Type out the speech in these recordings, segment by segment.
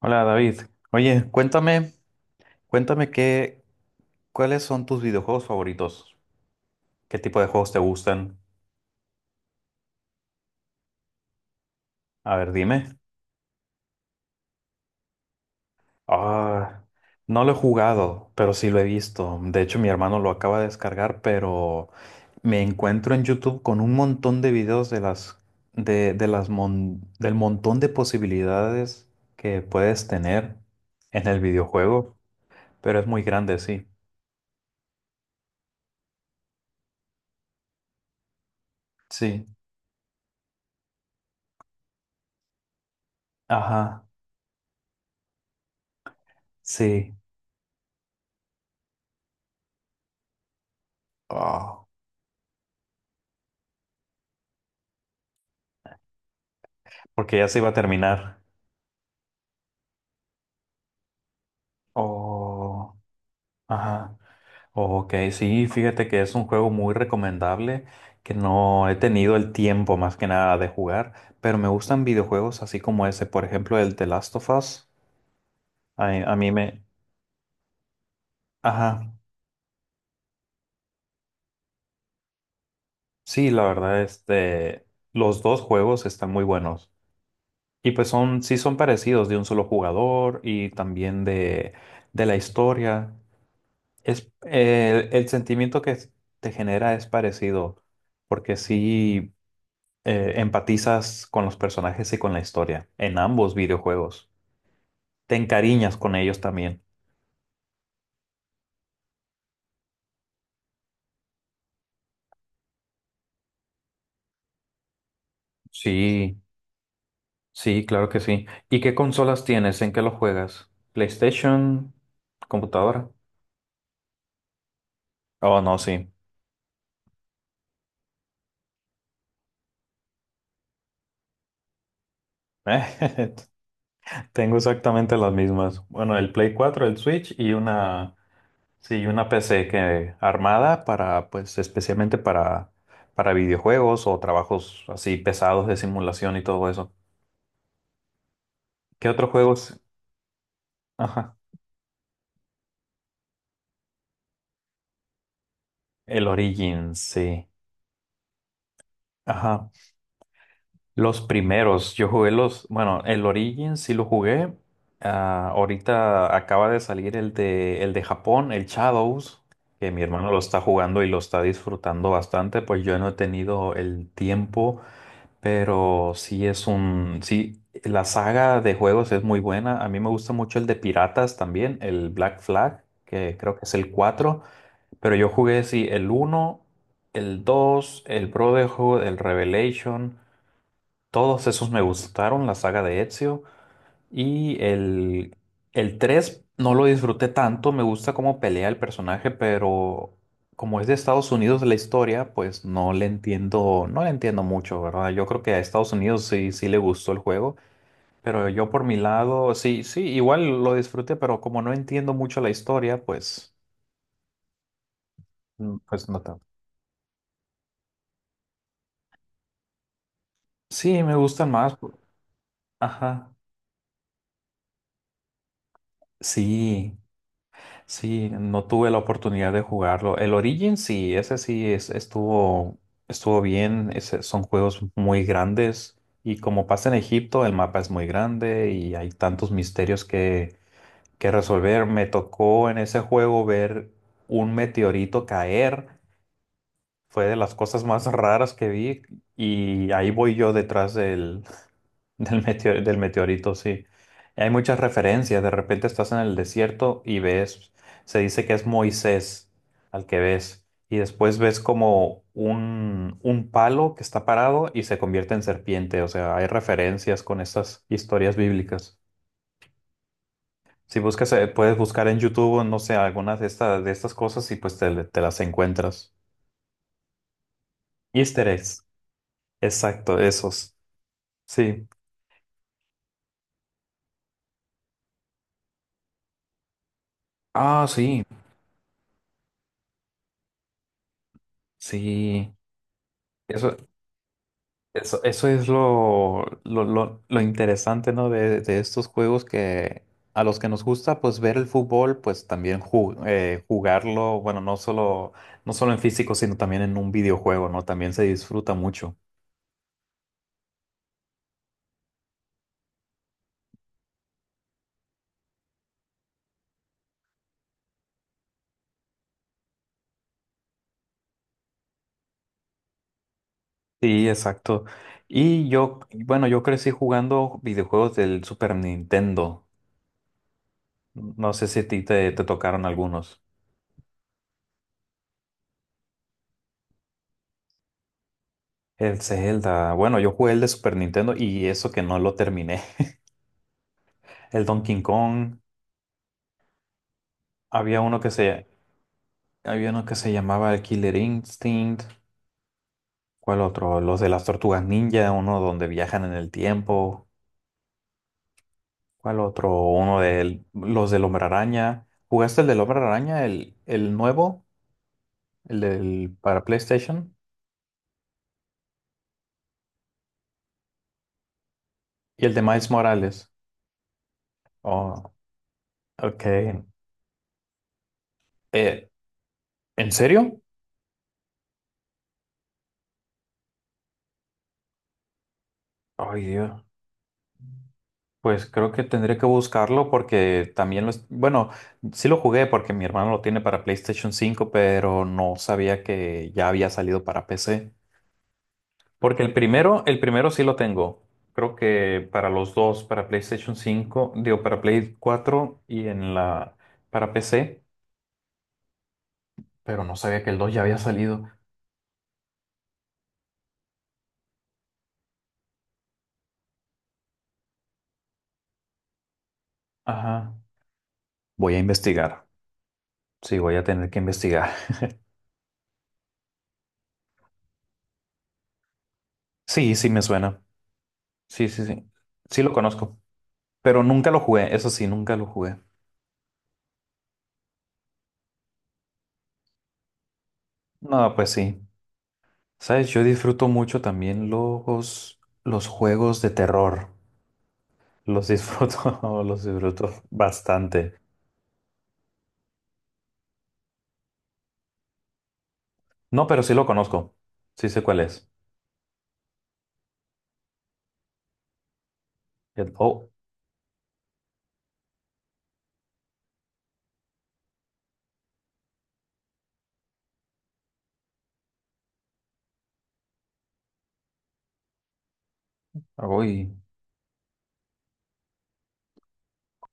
Hola David. Oye, cuéntame, cuéntame qué, cuáles son tus videojuegos favoritos. ¿Qué tipo de juegos te gustan? A ver, dime. Ah, no lo he jugado, pero sí lo he visto. De hecho, mi hermano lo acaba de descargar, pero me encuentro en YouTube con un montón de videos de las mon- del montón de posibilidades que puedes tener en el videojuego, pero es muy grande, sí. Sí. Ajá. Sí. Ah. Porque ya se iba a terminar. Oh, ajá. Ok, sí, fíjate que es un juego muy recomendable que no he tenido el tiempo más que nada de jugar, pero me gustan videojuegos así como ese, por ejemplo, el The Last of Us. A, a mí me... Ajá. Sí, la verdad, los dos juegos están muy buenos. Y pues son, sí son parecidos de un solo jugador y también de la historia. El sentimiento que te genera es parecido, porque sí empatizas con los personajes y con la historia, en ambos videojuegos. Te encariñas con ellos también. Sí, sí, claro que sí. ¿Y qué consolas tienes? ¿En qué lo juegas? ¿PlayStation? ¿Computadora? Oh, no, sí. Tengo exactamente las mismas. Bueno, el Play cuatro, el Switch y una... Sí, una PC que armada para, pues, especialmente para videojuegos o trabajos así pesados de simulación y todo eso. ¿Qué otros juegos? Ajá. El Origins, sí. Ajá. Los primeros, yo jugué los, bueno, el Origins sí lo jugué. Ah, ahorita acaba de salir el de Japón, el Shadows, que mi hermano lo está jugando y lo está disfrutando bastante, pues yo no he tenido el tiempo. Pero sí es un, sí, la saga de juegos es muy buena. A mí me gusta mucho el de piratas también, el Black Flag, que creo que es el cuatro, pero yo jugué sí el uno, el dos, el Brotherhood, el Revelation, todos esos me gustaron, la saga de Ezio. Y el, el 3 no lo disfruté tanto, me gusta cómo pelea el personaje, pero como es de Estados Unidos la historia, pues no le entiendo, no le entiendo mucho, ¿verdad? Yo creo que a Estados Unidos sí, sí le gustó el juego, pero yo por mi lado, sí, sí, igual lo disfruté, pero como no entiendo mucho la historia, pues, pues no tanto. Sí, me gustan más. Ajá. Sí. Sí, no tuve la oportunidad de jugarlo. El Origin sí, estuvo, estuvo bien. Ese- son juegos muy grandes y como pasa en Egipto, el mapa es muy grande y hay tantos misterios que resolver. Me tocó en ese juego ver un meteorito caer. Fue de las cosas más raras que vi y ahí voy yo detrás del meteorito, sí. Hay muchas referencias. De repente estás en el desierto y ves, se dice que es Moisés al que ves. Y después ves como un palo que está parado y se convierte en serpiente. O sea, hay referencias con estas historias bíblicas. Si buscas, puedes buscar en YouTube, o no sé, algunas de estas cosas y pues te las encuentras. Easter eggs. Exacto, esos. Sí. Ah, sí. Sí. Eso. Eso es lo interesante, ¿no? De estos juegos que a los que nos gusta, pues ver el fútbol, pues también jugarlo, bueno, no solo, no solo en físico, sino también en un videojuego, ¿no? También se disfruta mucho. Sí, exacto. Y yo, bueno, yo crecí jugando videojuegos del Super Nintendo. No sé si a ti te tocaron algunos. El Zelda, bueno, yo jugué el de Super Nintendo y eso que no lo terminé. El Donkey Kong. Había uno que se, Había uno que se llamaba el Killer Instinct. ¿Cuál otro? Los de las tortugas ninja, uno donde viajan en el tiempo. ¿Cuál otro? Uno de los del Hombre Araña. ¿Jugaste el del Hombre Araña, el nuevo, el del para PlayStation? Y el de Miles Morales. Oh, ok. Eh, ¿En serio? Ay, Dios. Pues creo que tendré que buscarlo porque también lo... es- Bueno, sí lo jugué porque mi hermano lo tiene para PlayStation 5, pero no sabía que ya había salido para PC. Porque el primero sí lo tengo. Creo que para los dos, para PlayStation 5 digo, para Play 4 y en la, para PC, pero no sabía que el 2 ya había salido. Ajá. Voy a investigar. Sí, voy a tener que investigar. Sí, sí me suena. Sí, sí, sí. Sí lo conozco, pero nunca lo jugué. Eso sí, nunca lo jugué. No, pues sí. Sabes, yo disfruto mucho también los juegos de terror. Los disfruto, los disfruto bastante. No, pero sí lo conozco. Sí sé cuál es. El- oh, uy,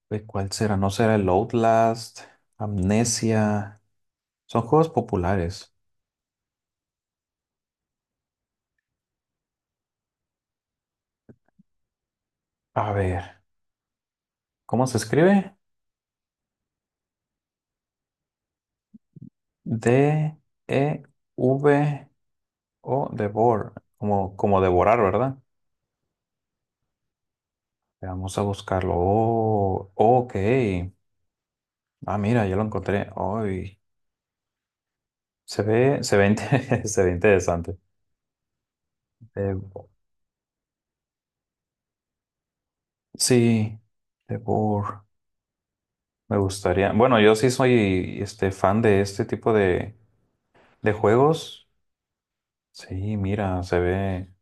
uy, ¿cuál será? ¿No será el Outlast? Amnesia. Son juegos populares. A ver, ¿cómo se escribe? D, E, V, O, Devor. Como, como devorar, ¿verdad? Vamos a buscarlo. Oh, ok. Ah, mira, ya lo encontré. Uy, se ve, inte- se ve interesante. Devo- sí, Devor. Me gustaría. Bueno, yo sí soy este fan de este tipo de juegos. Sí, mira,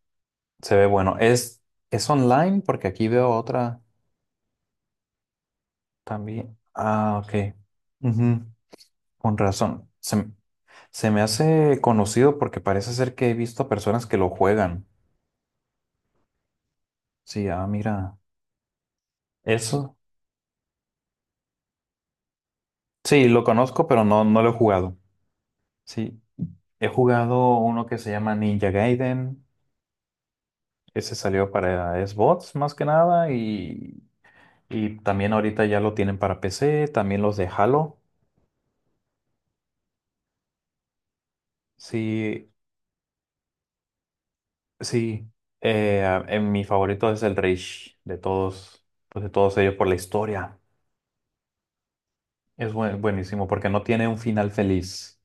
se ve bueno. Es online porque aquí veo otra también. Ah, ok. Ujú, con razón. Se, m- se me hace conocido porque parece ser que he visto a personas que lo juegan. Sí, ah, mira. Eso. Sí, lo conozco, pero no, no lo he jugado. Sí. He jugado uno que se llama Ninja Gaiden. Ese salió para Xbox más que nada y... Y también ahorita ya lo tienen para PC, también los de Halo. Sí, sí. En mi favorito es el Reach de todos, pues de todos ellos por la historia. Es buenísimo porque no tiene un final feliz.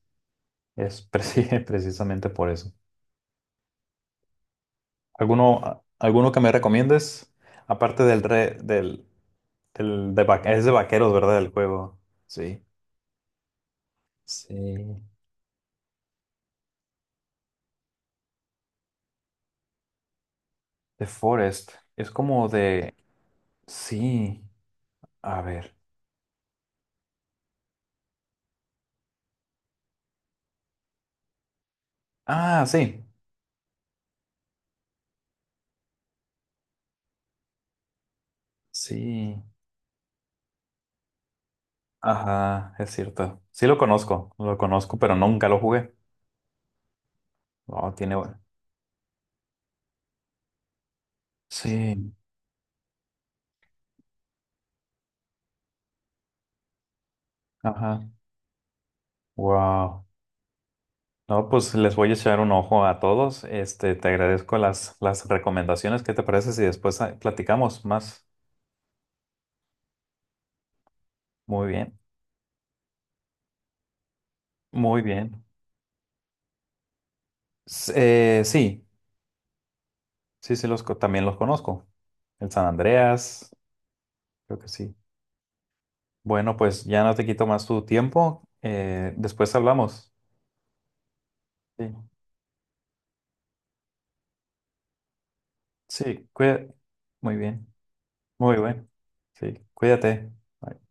Es precisamente por eso. Alguno que me recomiendes? Aparte del es de vaqueros, ¿verdad? El juego. Sí. Sí. The Forest. Es como de. Sí. A ver. Ah, sí. Sí, ajá, es cierto. Sí lo conozco, pero nunca lo jugué. Oh, tiene bueno. Sí, ajá. Wow. No, pues les voy a echar un ojo a todos. Este, te agradezco las recomendaciones. ¿Qué te parece si después platicamos más? Muy bien, muy bien. S- sí, sí, también los conozco. El San Andreas, creo que sí. Bueno, pues ya no te quito más tu tiempo. Después hablamos. Sí, sí, cuida- Muy bien. Muy bueno. Sí, cuídate. Bye.